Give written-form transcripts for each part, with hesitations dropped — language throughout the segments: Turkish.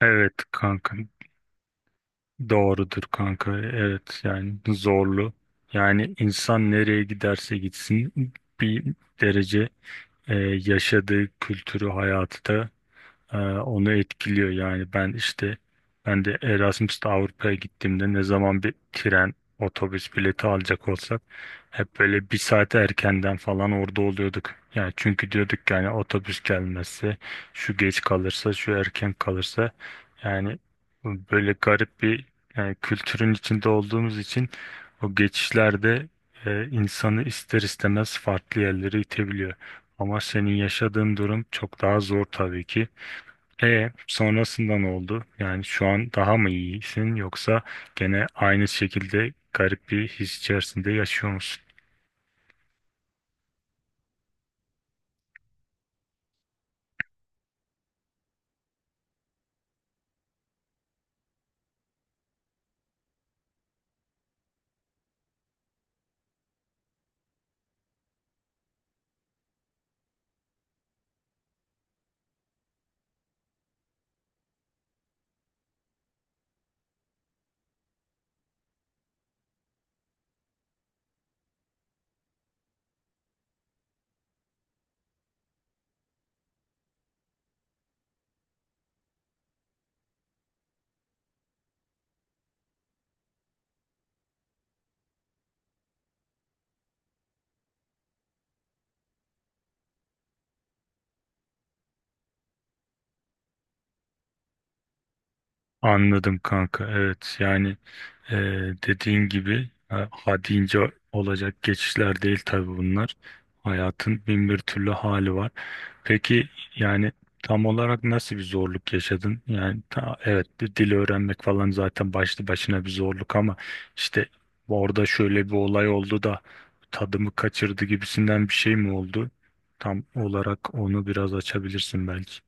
Evet kanka, doğrudur kanka, evet. Yani zorlu. Yani insan nereye giderse gitsin bir derece yaşadığı kültürü, hayatı da onu etkiliyor. Yani ben ben de Erasmus'ta Avrupa'ya gittiğimde, ne zaman bir tren, otobüs bileti alacak olsak, hep böyle bir saat erkenden falan orada oluyorduk. Yani çünkü diyorduk ki, yani otobüs gelmezse, şu geç kalırsa, şu erken kalırsa, yani böyle garip bir, yani kültürün içinde olduğumuz için, o geçişlerde insanı ister istemez farklı yerlere itebiliyor. Ama senin yaşadığın durum çok daha zor tabii ki. E sonrasında ne oldu? Yani şu an daha mı iyisin, yoksa gene aynı şekilde garip bir his içerisinde yaşıyor musun? Anladım kanka. Evet yani. Ee, Dediğin gibi ha, ha deyince olacak geçişler değil tabii bunlar. Hayatın bin bir türlü hali var. Peki, yani tam olarak nasıl bir zorluk yaşadın? Yani evet, bir dil öğrenmek falan zaten başlı başına bir zorluk ama işte, orada şöyle bir olay oldu da tadımı kaçırdı gibisinden bir şey mi oldu? Tam olarak onu biraz açabilirsin belki.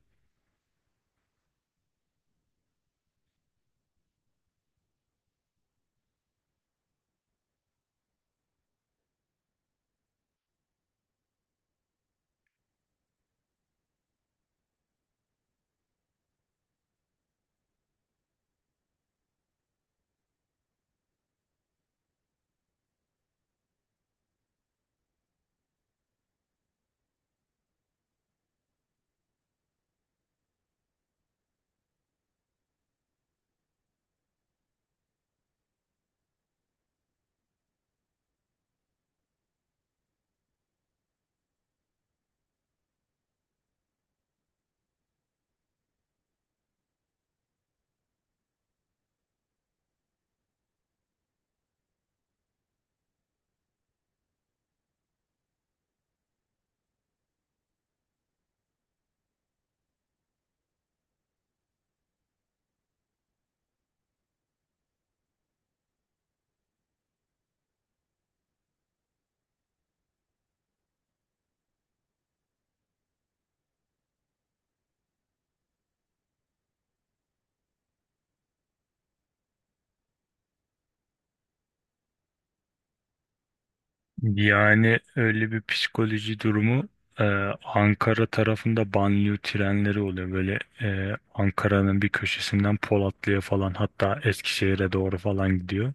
Yani öyle bir psikoloji durumu, e, Ankara tarafında banliyö trenleri oluyor. Böyle Ankara'nın bir köşesinden Polatlı'ya falan, hatta Eskişehir'e doğru falan gidiyor.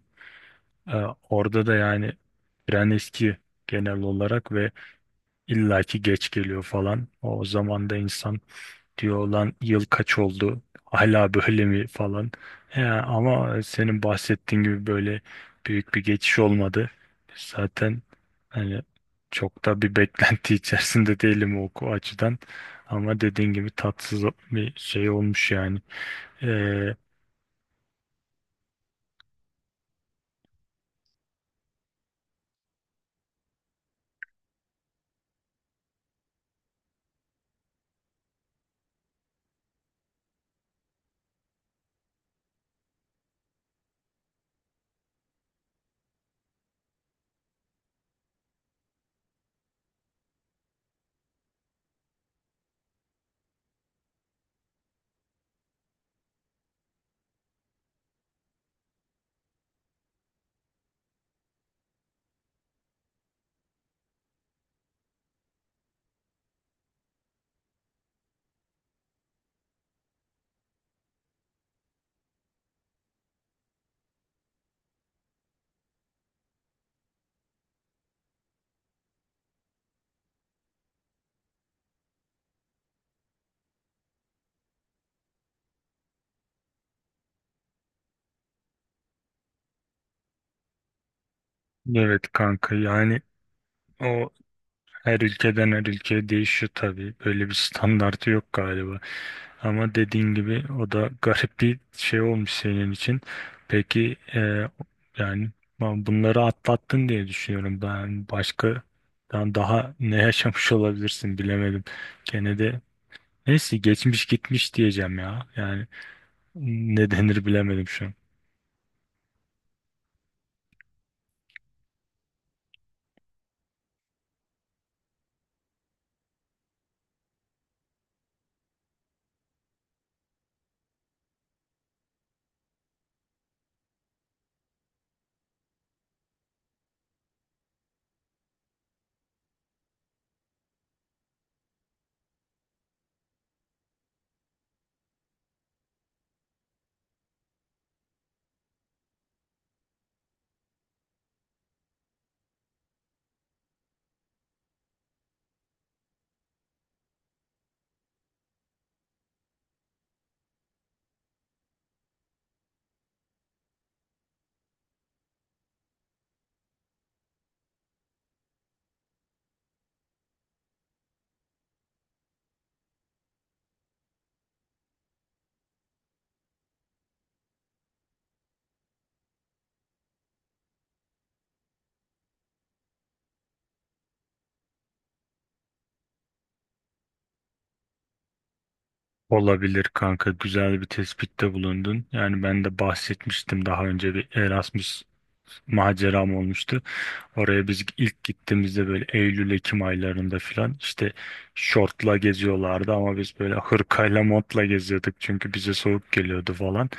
E, Orada da yani tren eski genel olarak ve illaki geç geliyor falan. O zaman da insan diyor, lan yıl kaç oldu hala böyle mi falan. Ya ama senin bahsettiğin gibi böyle büyük bir geçiş olmadı zaten, hani çok da bir beklenti içerisinde değilim o açıdan. Ama dediğin gibi tatsız bir şey olmuş yani. Ee, evet kanka. Yani o, her ülkeden her ülkeye değişiyor tabii. Böyle bir standartı yok galiba. Ama dediğin gibi o da garip bir şey olmuş senin için. Peki yani, ben bunları atlattın diye düşünüyorum. Ben daha ne yaşamış olabilirsin bilemedim. Gene de, neyse, geçmiş gitmiş diyeceğim ya. Yani ne denir bilemedim şu an. Olabilir kanka, güzel bir tespitte bulundun. Yani ben de bahsetmiştim daha önce, bir Erasmus maceram olmuştu. Oraya biz ilk gittiğimizde böyle Eylül-Ekim aylarında filan, işte şortla geziyorlardı ama biz böyle hırkayla, montla geziyorduk çünkü bize soğuk geliyordu falan.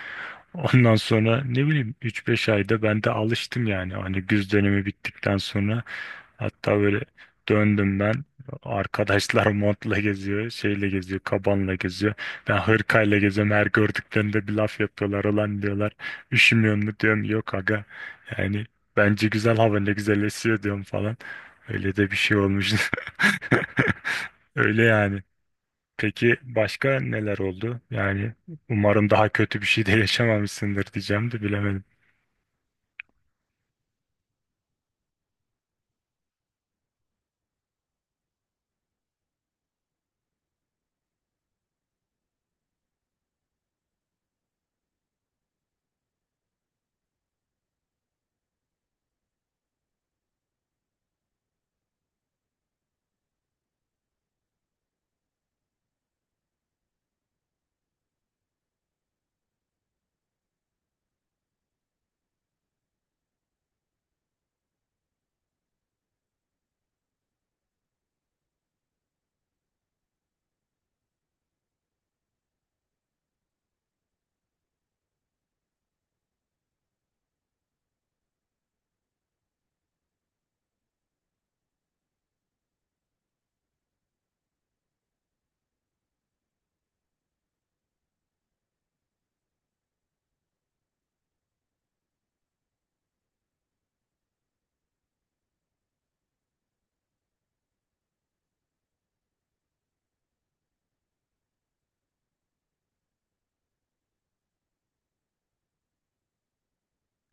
Ondan sonra ne bileyim, 3-5 ayda ben de alıştım yani, hani güz dönemi bittikten sonra. Hatta böyle döndüm ben, arkadaşlar montla geziyor, şeyle geziyor, kabanla geziyor, ben hırkayla geziyorum. Her gördüklerinde bir laf yapıyorlar, ulan diyorlar üşümüyor mu, diyorum yok aga, yani bence güzel hava, ne güzelleşiyor diyorum falan. Öyle de bir şey olmuş. Öyle yani. Peki başka neler oldu? Yani umarım daha kötü bir şey de yaşamamışsındır diyeceğim de bilemedim.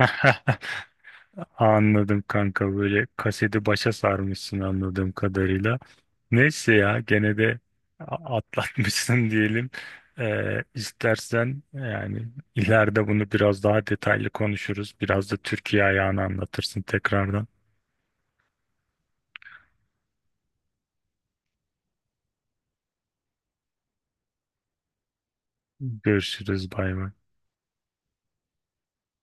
Anladım kanka, böyle kaseti başa sarmışsın anladığım kadarıyla. Neyse ya, gene de atlatmışsın diyelim. İstersen yani ileride bunu biraz daha detaylı konuşuruz. Biraz da Türkiye ayağını anlatırsın tekrardan. Görüşürüz. Bay bay.